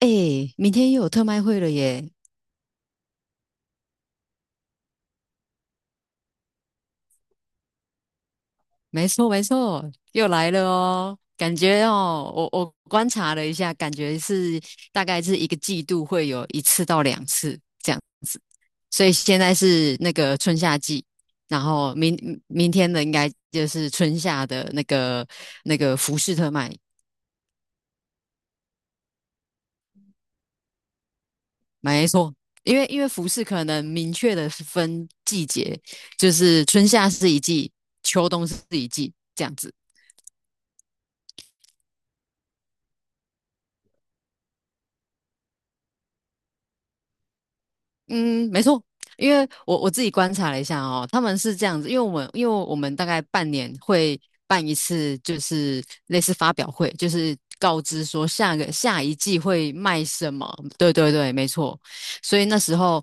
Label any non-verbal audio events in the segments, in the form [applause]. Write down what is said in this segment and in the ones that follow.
哎，明天又有特卖会了耶！没错，没错，又来了哦。感觉哦，我观察了一下，感觉是大概是一个季度会有一次到两次这样子。所以现在是那个春夏季，然后明天的应该就是春夏的那个服饰特卖。没错，因为服饰可能明确的分季节，就是春夏是一季，秋冬是一季这样子。嗯，没错，因为我自己观察了一下哦，他们是这样子，因为我们大概半年会办一次，就是类似发表会，就是告知说下一季会卖什么。对对对，没错。所以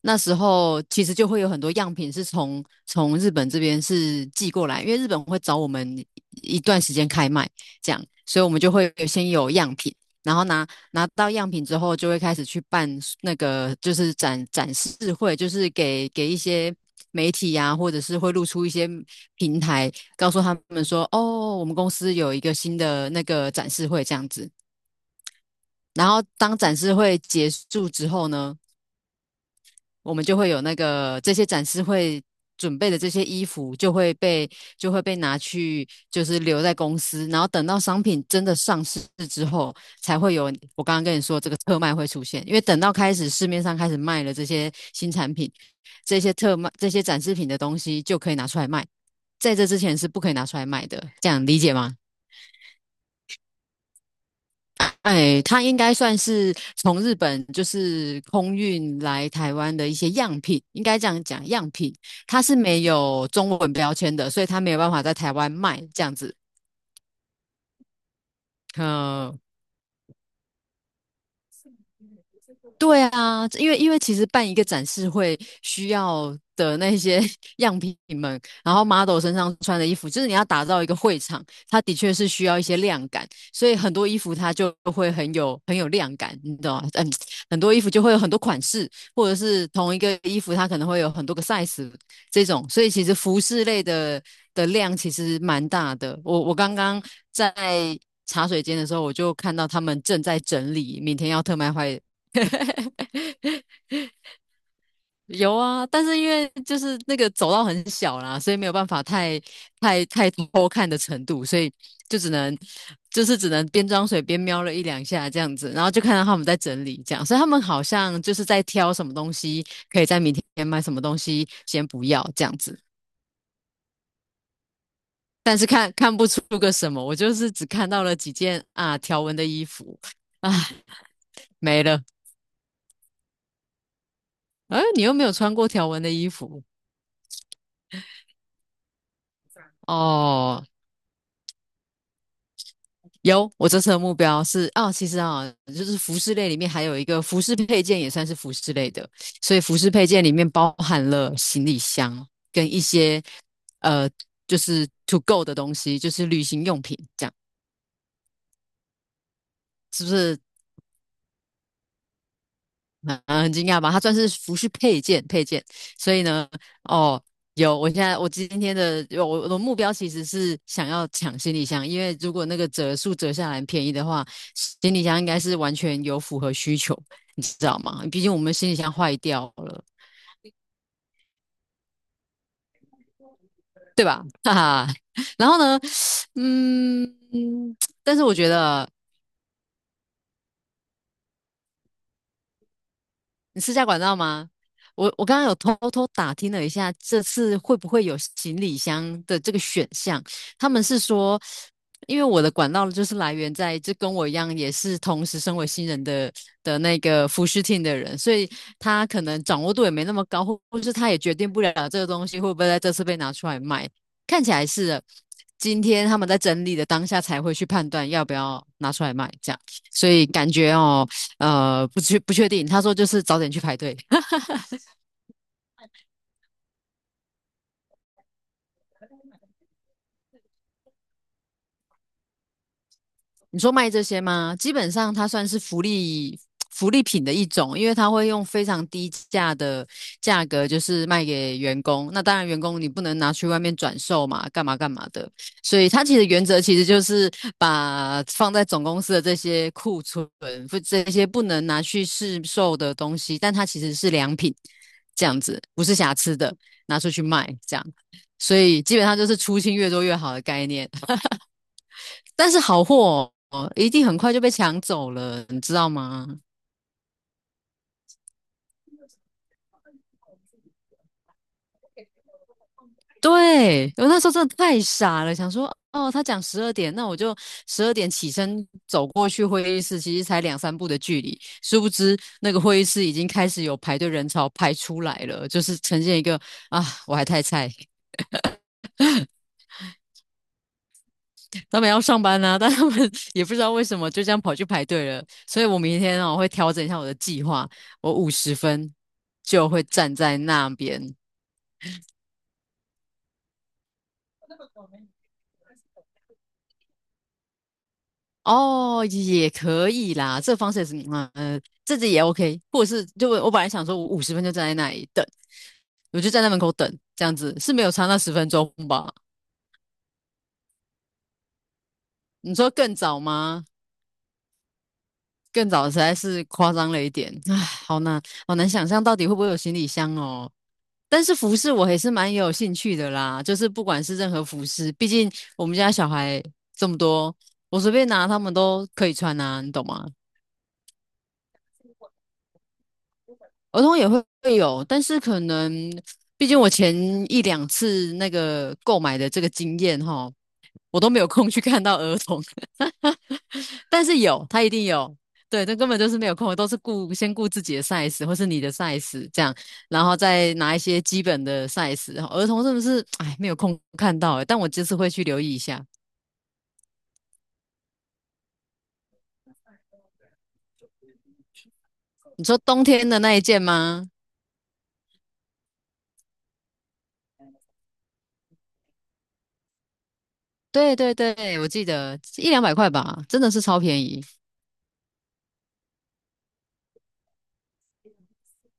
那时候其实就会有很多样品是从日本这边是寄过来，因为日本会找我们一段时间开卖这样，所以我们就会先有样品。然后拿到样品之后，就会开始去办那个就是展示会，就是给一些媒体呀、或者是会露出一些平台，告诉他们说，哦，我们公司有一个新的那个展示会这样子。然后当展示会结束之后呢，我们就会有那个这些展示会准备的这些衣服就会被拿去，就是留在公司，然后等到商品真的上市之后，才会有我刚刚跟你说这个特卖会出现。因为等到开始市面上开始卖了这些新产品，这些特卖这些展示品的东西就可以拿出来卖，在这之前是不可以拿出来卖的，这样理解吗？哎，它应该算是从日本就是空运来台湾的一些样品，应该这样讲，样品它是没有中文标签的，所以它没有办法在台湾卖这样子。嗯，对啊，因为其实办一个展示会需要的那些 [laughs] 样品们，然后 model 身上穿的衣服，就是你要打造一个会场，它的确是需要一些亮感，所以很多衣服它就会很有亮感，你懂吗？嗯，很多衣服就会有很多款式，或者是同一个衣服它可能会有很多个 size 这种，所以其实服饰类的量其实蛮大的。我刚刚在茶水间的时候，我就看到他们正在整理明天要特卖会。有啊，但是因为就是那个走道很小啦，所以没有办法太多看的程度，所以就只能就是只能边装水边瞄了一两下这样子，然后就看到他们在整理这样，所以他们好像就是在挑什么东西可以在明天买，什么东西先不要这样子，但是看不出个什么，我就是只看到了几件啊条纹的衣服，唉，没了，哎，你又没有穿过条纹的衣服。哦，有，我这次的目标是啊，其实啊，就是服饰类里面还有一个服饰配件也算是服饰类的，所以服饰配件里面包含了行李箱跟一些呃，就是 to go 的东西，就是旅行用品，这样是不是很惊讶吧？它算是服饰配件，所以呢，哦，有，我现在我今天的有我我的目标其实是想要抢行李箱，因为如果那个折数折下来很便宜的话，行李箱应该是完全有符合需求，你知道吗？毕竟我们行李箱坏掉了，对吧？哈哈。[laughs] 然后呢，嗯，但是我觉得你私家管道吗？我刚刚有偷偷打听了一下，这次会不会有行李箱的这个选项？他们是说，因为我的管道就是来源在，就跟我一样，也是同时身为新人的那个服饰 team 的人，所以他可能掌握度也没那么高，或是他也决定不了这个东西会不会在这次被拿出来卖。看起来是的今天他们在整理的当下才会去判断要不要拿出来卖，这样，所以感觉哦。不确定。他说就是早点去排队。你说卖这些吗？基本上它算是福利品的一种，因为它会用非常低价的价格，就是卖给员工。那当然，员工你不能拿去外面转售嘛，干嘛干嘛的。所以它其实原则其实就是把放在总公司的这些库存，不这些不能拿去市售的东西，但它其实是良品，这样子不是瑕疵的，拿出去卖这样。所以基本上就是出清越多越好的概念。但是好货、哦、一定很快就被抢走了，你知道吗？对，我那时候真的太傻了，想说哦，他讲十二点，那我就十二点起身走过去会议室，其实才两三步的距离，殊不知那个会议室已经开始有排队人潮排出来了，就是呈现一个啊，我还太菜，他们要上班啊，但他们 [laughs] 也不知道为什么就这样跑去排队了，所以我明天哦会调整一下我的计划，我五十分就会站在那边。哦，也可以啦，这个方式也是，嗯，这个也 OK，或者是就我本来想说，我五十分就站在那里等，我就站在门口等，这样子是没有差那10分钟吧？你说更早吗？更早实在是夸张了一点，唉，好难，好难想象到底会不会有行李箱哦。但是服饰我还是蛮有兴趣的啦，就是不管是任何服饰，毕竟我们家小孩这么多，我随便拿他们都可以穿啊，你懂吗？儿童也会有，但是可能毕竟我前一两次那个购买的这个经验哈，我都没有空去看到儿童，[laughs] 但是有，他一定有。对，这根本就是没有空，都是先顾自己的 size 或是你的 size 这样，然后再拿一些基本的 size。儿童是不是，哎，没有空看到欸但我这次会去留意一下。你说冬天的那一件吗？对对对，我记得一两百块吧，真的是超便宜。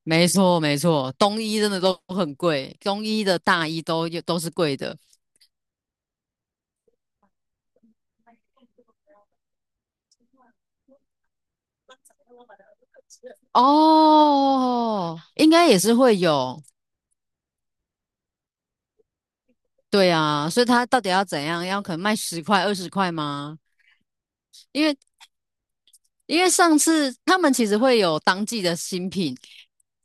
没错，没错，冬衣真的都很贵，冬衣的大衣都是贵的。哦，应该也是会有，对啊，所以他到底要怎样？要可能卖十块、二十块吗？因为。因为上次他们其实会有当季的新品，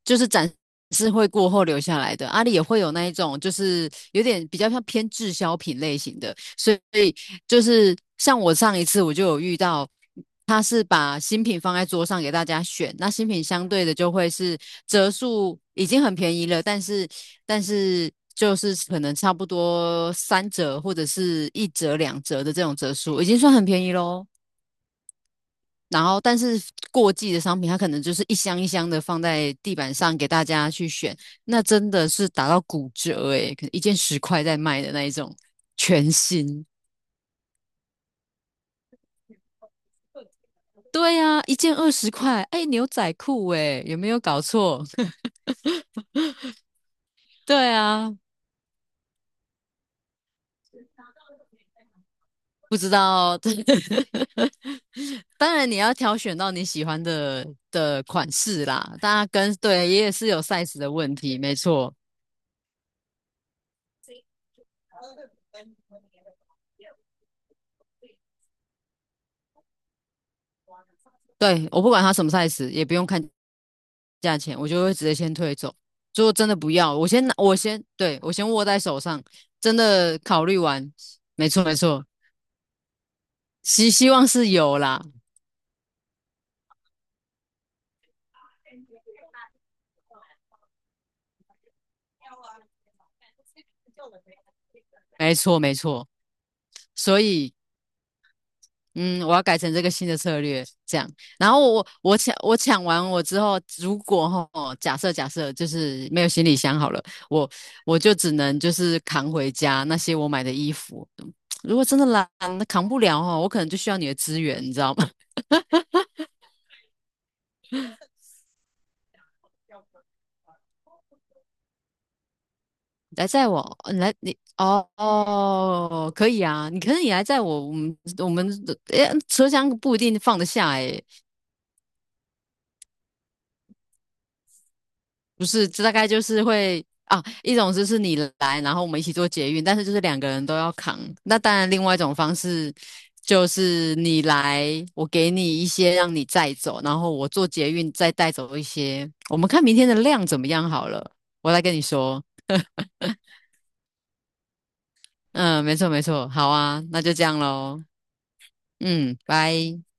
就是展示会过后留下来的。阿里也会有那一种，就是有点比较像偏滞销品类型的，所以就是像我上一次我就有遇到，他是把新品放在桌上给大家选，那新品相对的就会是折数已经很便宜了，但是。就是可能差不多三折或者是一折两折的这种折数，已经算很便宜喽。然后，但是过季的商品，它可能就是一箱一箱的放在地板上给大家去选，那真的是打到骨折诶、可能一件十块在卖的那一种全新。对啊，一件二十块，哎，牛仔裤诶、有没有搞错？[laughs] 对啊，不知道。[laughs] 当然你要挑选到你喜欢的款式啦，大家跟对也是有 size 的问题，没错。对，我不管它什么 size，也不用看价钱，我就会直接先退走。如果真的不要，我先拿，对，我先握在手上，真的考虑完，没错没错，希望是有啦，没错没错。所以嗯，我要改成这个新的策略，这样。然后我抢完之后，如果哈假设就是没有行李箱好了，我我就只能就是扛回家那些我买的衣服。如果真的懒，扛不了哦，我可能就需要你的资源，你知道吗？来载我，呃你来你哦哦，可以啊，可是你来载我，我们诶，车厢不一定放得下诶，不是，这大概就是会啊，一种就是你来，然后我们一起做捷运，但是就是两个人都要扛。那当然，另外一种方式就是你来，我给你一些让你载走，然后我做捷运再带走一些。我们看明天的量怎么样好了，我来跟你说。嗯，没错没错，好啊，那就这样喽。嗯，拜。